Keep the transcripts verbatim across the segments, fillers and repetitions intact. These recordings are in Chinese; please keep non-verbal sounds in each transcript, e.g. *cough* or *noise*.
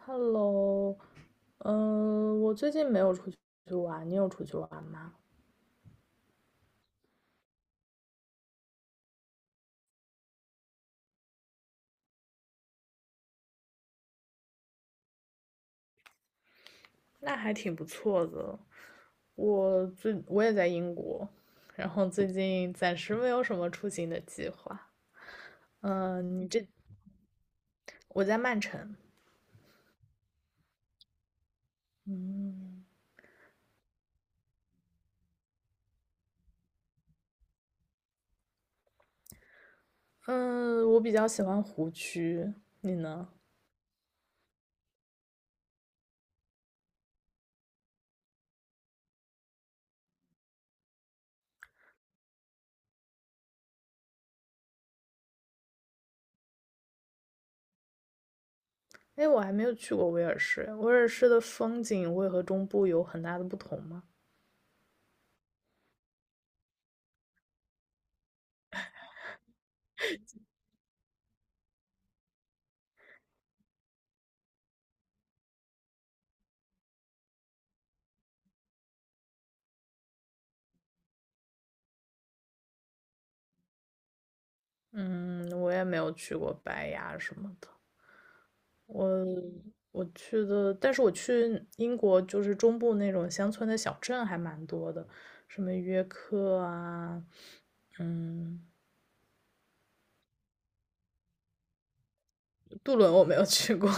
Hello，嗯，我最近没有出去玩，你有出去玩吗？那还挺不错的。我最我也在英国，然后最近暂时没有什么出行的计划。嗯，你这我在曼城。嗯嗯，我比较喜欢湖区，你呢？哎，我还没有去过威尔士，威尔士的风景会和中部有很大的不同吗？嗯，我也没有去过白崖什么的。我我去的，但是我去英国就是中部那种乡村的小镇还蛮多的，什么约克啊。嗯。杜伦我没有去过。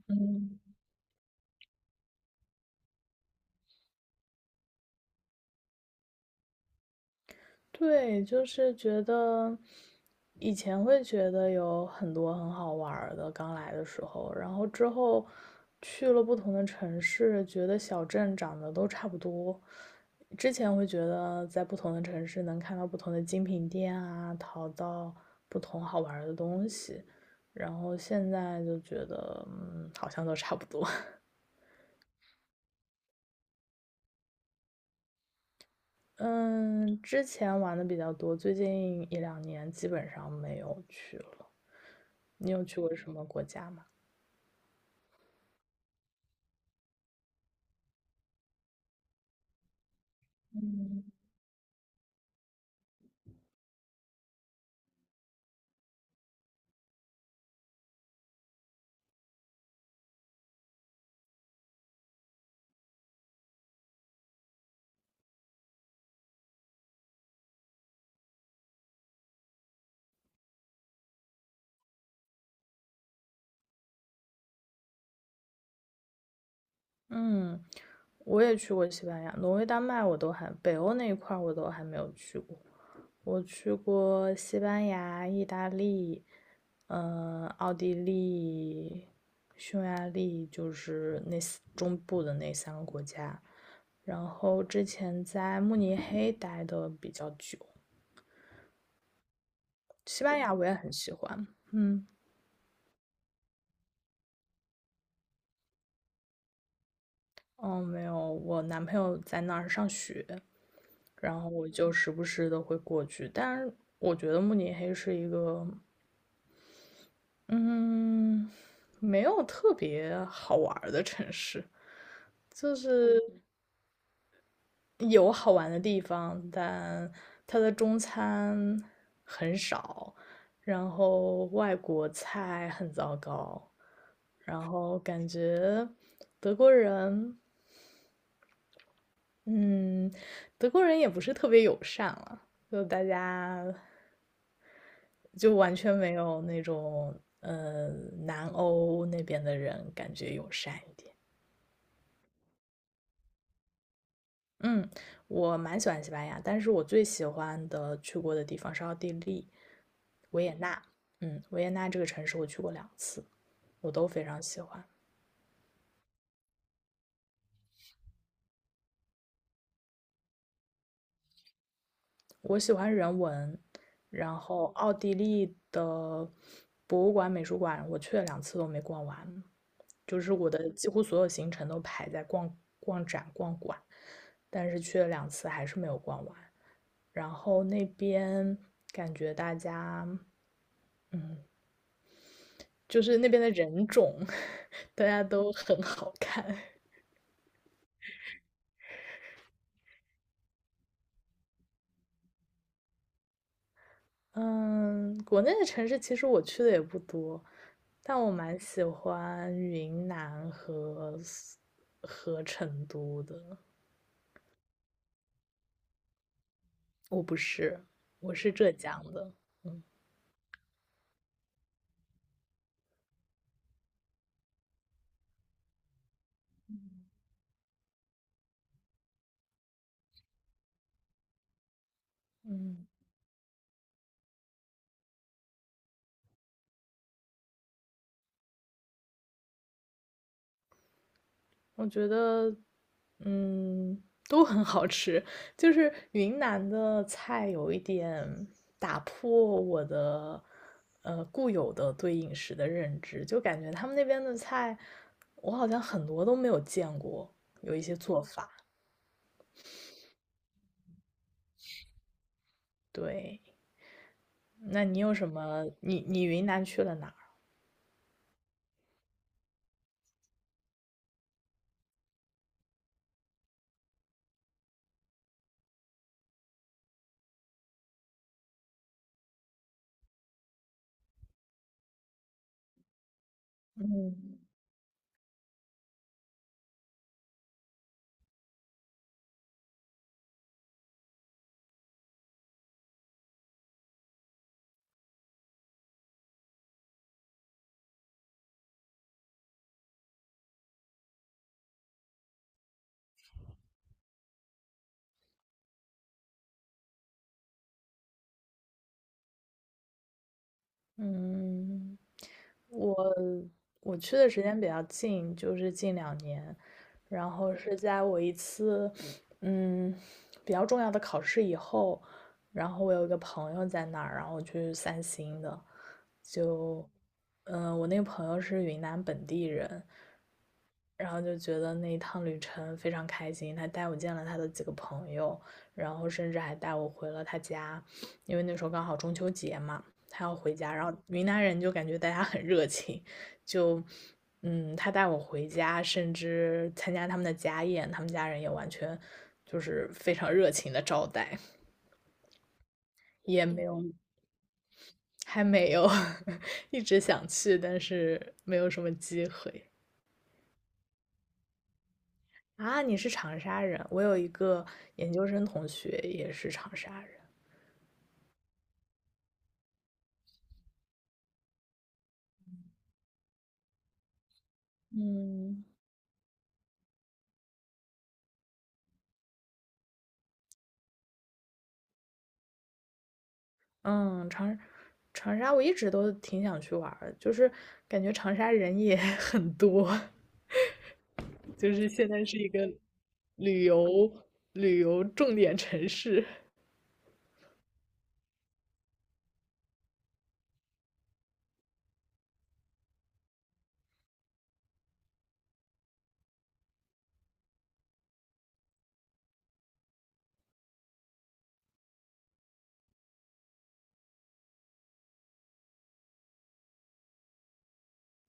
*laughs* 对，就是觉得以前会觉得有很多很好玩儿的，刚来的时候，然后之后去了不同的城市，觉得小镇长得都差不多。之前会觉得在不同的城市能看到不同的精品店啊，淘到不同好玩儿的东西，然后现在就觉得，嗯，好像都差不多。*laughs* 嗯，之前玩的比较多，最近一两年基本上没有去了。你有去过什么国家吗？嗯，我也去过西班牙、挪威、丹麦，我都还北欧那一块儿我都还没有去过。我去过西班牙、意大利，嗯、呃奥地利、匈牙利，就是那四中部的那三个国家。然后之前在慕尼黑待的比较久，西班牙我也很喜欢。嗯，哦，没有，我男朋友在那儿上学，然后我就时不时的会过去。但是我觉得慕尼黑是一个，嗯，没有特别好玩儿的城市，就是有好玩的地方，但它的中餐很少，然后外国菜很糟糕，然后感觉德国人，嗯，德国人也不是特别友善了，就大家就完全没有那种呃南欧那边的人感觉友善一点。嗯，我蛮喜欢西班牙，但是我最喜欢的去过的地方是奥地利维也纳。嗯。维也纳这个城市我去过两次，我都非常喜欢。我喜欢人文，然后奥地利的博物馆、美术馆，我去了两次都没逛完，就是我的几乎所有行程都排在逛逛展、逛馆，但是去了两次还是没有逛完。然后那边感觉大家就是那边的人种，*laughs* 大家都很好看。嗯，国内的城市其实我去的也不多，但我蛮喜欢云南和四和成都的。我不是，我是浙江的。嗯嗯。我觉得，嗯，都很好吃。就是云南的菜有一点打破我的呃固有的对饮食的认知，就感觉他们那边的菜，我好像很多都没有见过，有一些做法。对，那你有什么？你你云南去了哪儿？嗯嗯，我我去的时间比较近，就是近两年，然后是在我一次嗯比较重要的考试以后，然后我有一个朋友在那儿，然后去散心的，就嗯、呃我那个朋友是云南本地人，然后就觉得那一趟旅程非常开心，他带我见了他的几个朋友，然后甚至还带我回了他家，因为那时候刚好中秋节嘛，他要回家。然后云南人就感觉大家很热情，就嗯，他带我回家，甚至参加他们的家宴，他们家人也完全就是非常热情的招待，也没有还没有 *laughs* 一直想去，但是没有什么机会。啊，你是长沙人，我有一个研究生同学也是长沙人。嗯，嗯，长长沙我一直都挺想去玩儿的就是感觉长沙人也 *laughs* 很多，就是现在是一个旅游旅游重点城市。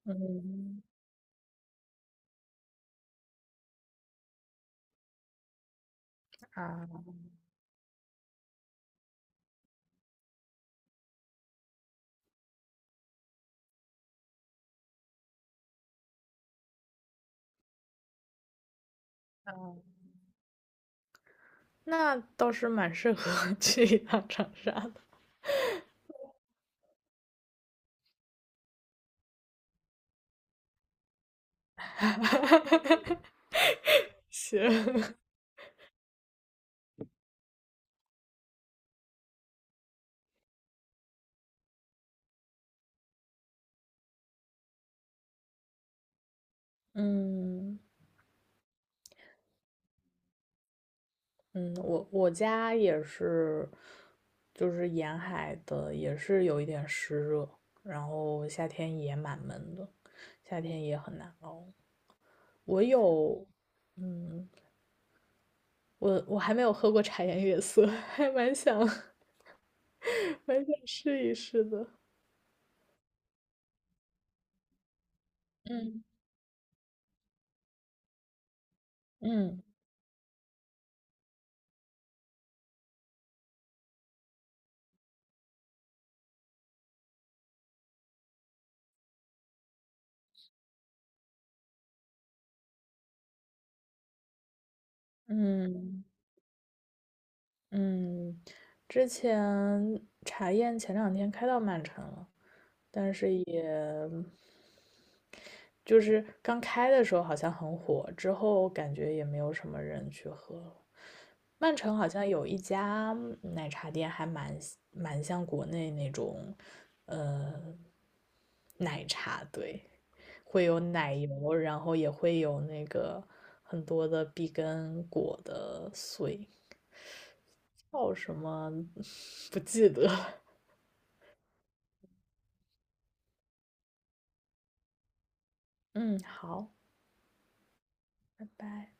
嗯，啊，那倒是蛮适合 *laughs* 去一趟长沙的。*laughs* 行，*laughs* 嗯嗯，我我家也是，就是沿海的也是有一点湿热，然后夏天也蛮闷的，夏天也很难熬。我有，嗯，我我还没有喝过茶颜悦色，*laughs* 还蛮想 *laughs* 蛮想试一试的。嗯嗯嗯嗯，之前茶宴前两天开到曼城了，就是刚开的时候好像很火，之后感觉也没有什么人去喝了。曼城好像有一家奶茶店，还蛮蛮像国内那种奶茶，对，会有奶油，然后也会有那个很多的碧根果的碎，叫什么 *laughs* 不记得了。嗯，好，拜拜。